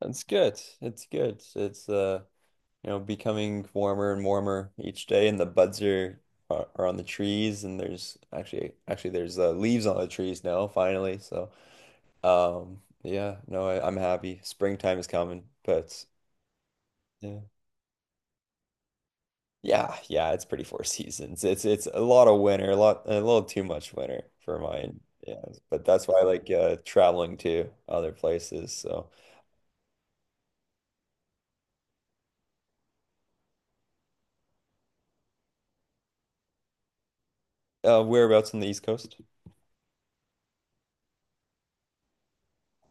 That's good. It's good. Becoming warmer and warmer each day, and the buds are on the trees, and there's actually there's leaves on the trees now, finally. Yeah, no, I'm happy. Springtime is coming, but yeah, yeah, it's pretty four seasons. It's a lot of winter, a little too much winter for mine. Yeah, but that's why I like traveling to other places. So, whereabouts on the East Coast?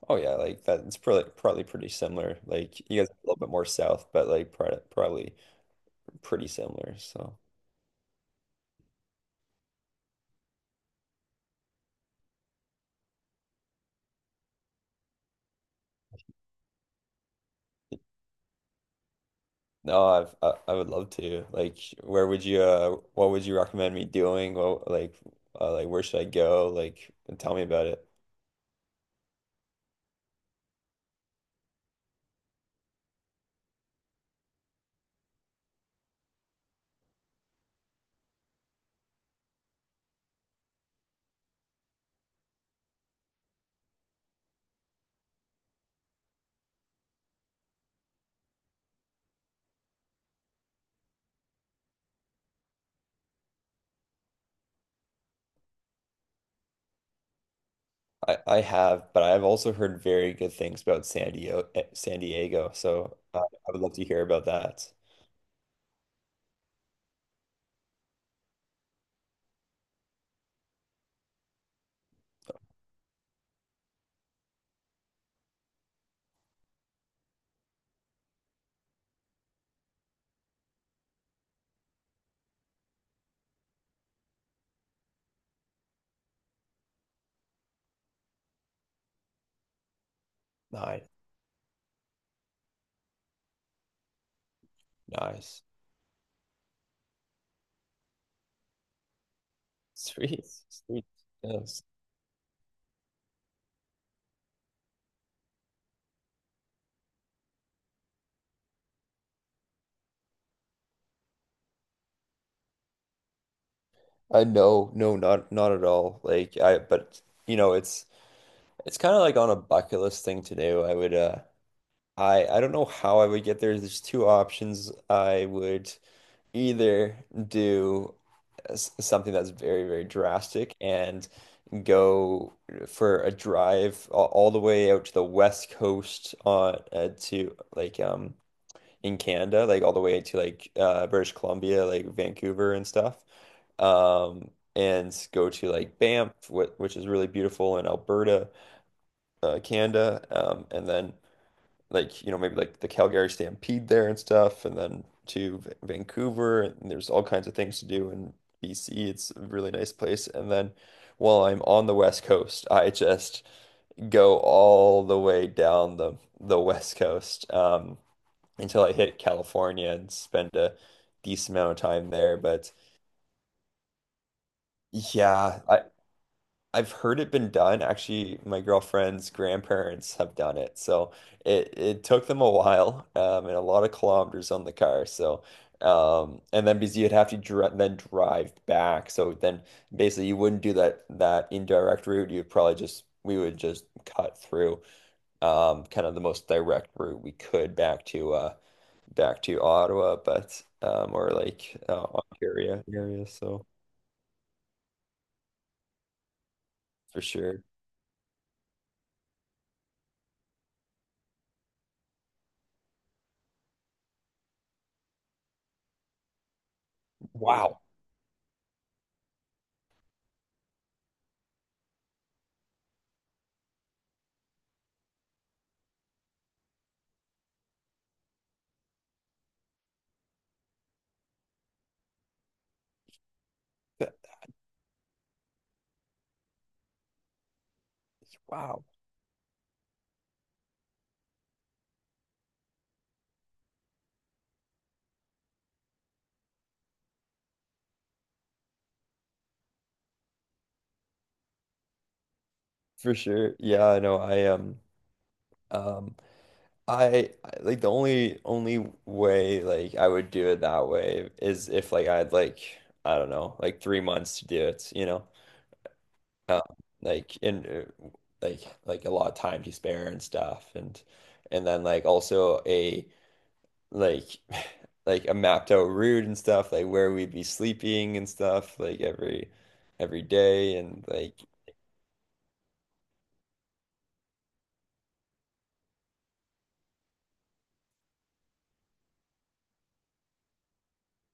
Oh yeah, like that. It's probably pretty similar. Like you guys are a little bit more south, but like probably pretty similar. So no, I would love to. Like, where would you? What would you recommend me doing? What like Like where should I go? Like, tell me about it. I have, but I've also heard very good things about San Diego. San Diego. I would love to hear about that. Nice, nice, sweet, sweet. Yes. I know, no, not not at all. But you know, it's. It's kind of like on a bucket list thing to do. I don't know how I would get there. There's two options. I would either do something that's very, very drastic and go for a drive all the way out to the west coast on to like in Canada, like all the way to like British Columbia, like Vancouver and stuff. Um and go to like Banff, wh which is really beautiful in Alberta Canada, and then maybe like the Calgary Stampede there and stuff, and then to Vancouver, and there's all kinds of things to do in BC. It's a really nice place. And then while I'm on the West Coast, I just go all the way down the West Coast until I hit California and spend a decent amount of time there. But yeah, I've heard it been done. Actually, my girlfriend's grandparents have done it. So it took them a while, and a lot of kilometers on the car. So and then because you'd have to dri then drive back. So then basically you wouldn't do that indirect route. You'd probably just We would just cut through kind of the most direct route we could back to back to Ottawa, but or like Ontario area. So for sure. Wow. That- Wow. For sure. Yeah, I know. Um I like the only way like I would do it that way is if like I had like I don't know, like 3 months to do it, you know. Um, like in like like a lot of time to spare and stuff and then like also a like like a mapped out route and stuff, like where we'd be sleeping and stuff like every day and like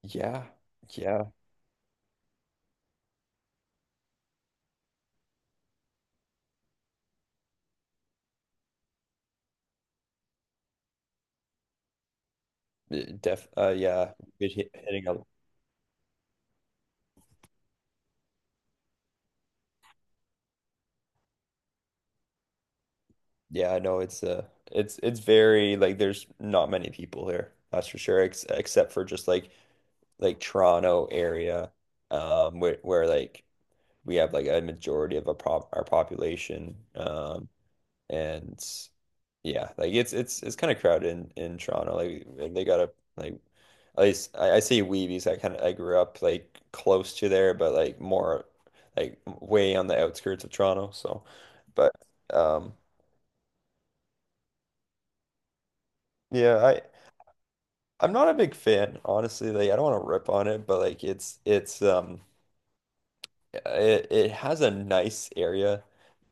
yeah. Yeah, yeah, hitting up. Yeah, I know it's it's very like there's not many people here, that's for sure, ex except for just like Toronto area, where like we have like a majority of our pop our population, and yeah, like it's it's kind of crowded in Toronto. Like, they gotta like at least I say we because I kind of I grew up like close to there, but like more like way on the outskirts of Toronto. So, but um yeah, I'm not a big fan honestly. Like I don't want to rip on it, but like it's it, it has a nice area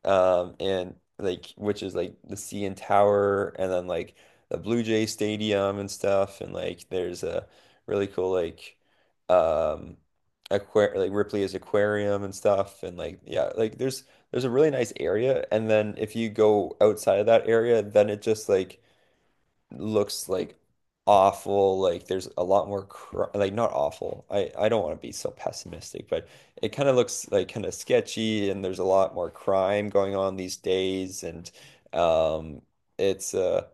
and like which is like the CN Tower and then like the Blue Jay Stadium and stuff and like there's a really cool like um aquar like Ripley's Aquarium and stuff and like yeah like there's a really nice area and then if you go outside of that area then it just like looks like awful. Like there's a lot more cr like not awful. I don't want to be so pessimistic, but it kind of looks like kind of sketchy and there's a lot more crime going on these days and um it's uh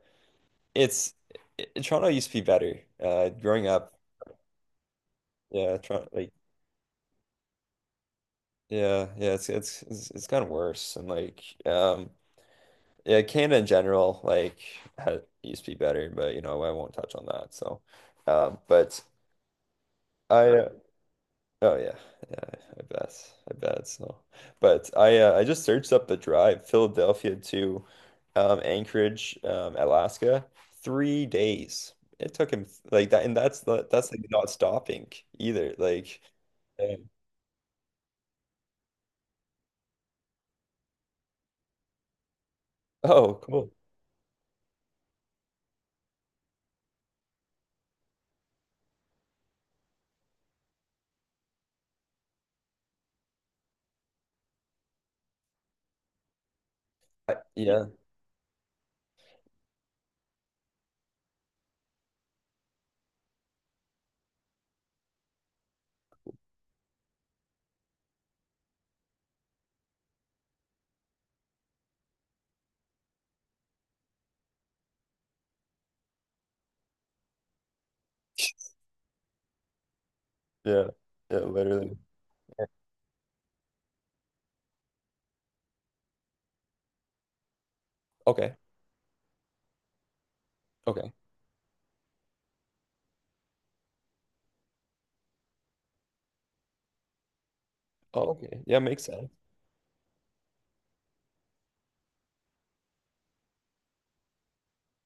it's it, Toronto used to be better. Growing up, yeah, Toronto like yeah, yeah, it's gotten worse and like yeah, Canada in general like used to be better, but you know, I won't touch on that. So but I, uh, oh yeah, yeah, I bet. I bet it's no. But I just searched up the drive, Philadelphia to Anchorage, Alaska, 3 days. It took him like that, and that's like not stopping either. Like, yeah. Oh, cool. Yeah, yeah, yeah, literally. Okay, okay. Oh, okay. Yeah, makes sense.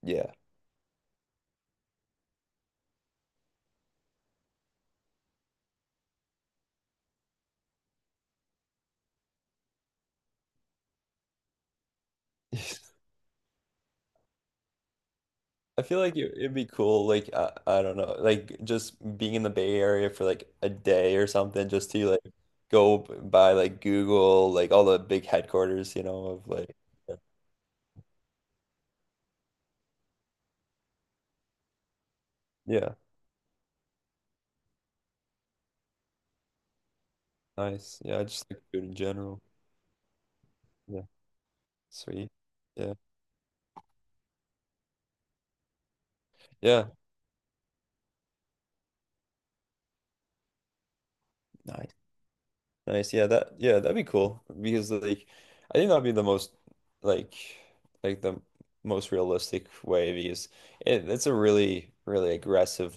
Yeah. I feel like it'd be cool, like I don't know, like just being in the Bay Area for like a day or something, just to like go by like Google, like all the big headquarters, you know, of like yeah, yeah, nice, yeah, I just like food in general, yeah, sweet, yeah, yeah, nice. Nice. Yeah, that yeah, that'd be cool because like I think that'd be the most like like the most realistic way because it's a really really aggressive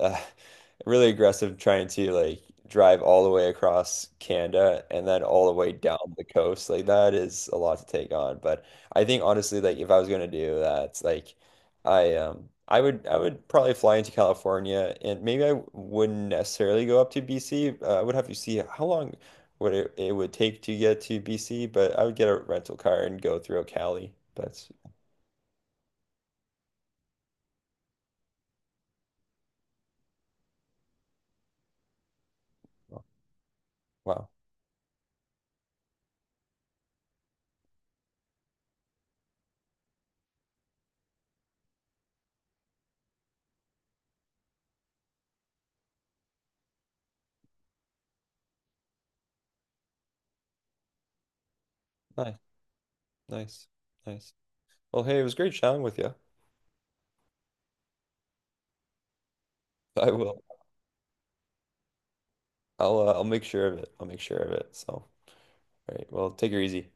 uh, really aggressive trying to like drive all the way across Canada and then all the way down the coast. Like that is a lot to take on, but I think honestly like if I was going to do that, like I would probably fly into California and maybe I wouldn't necessarily go up to BC. I would have to see how long it would take to get to BC, but I would get a rental car and go through Cali. That's wow. Nice, nice, nice. Well, hey, it was great chatting with you. I will. I'll make sure of it. I'll make sure of it. So, all right. Well, take her easy.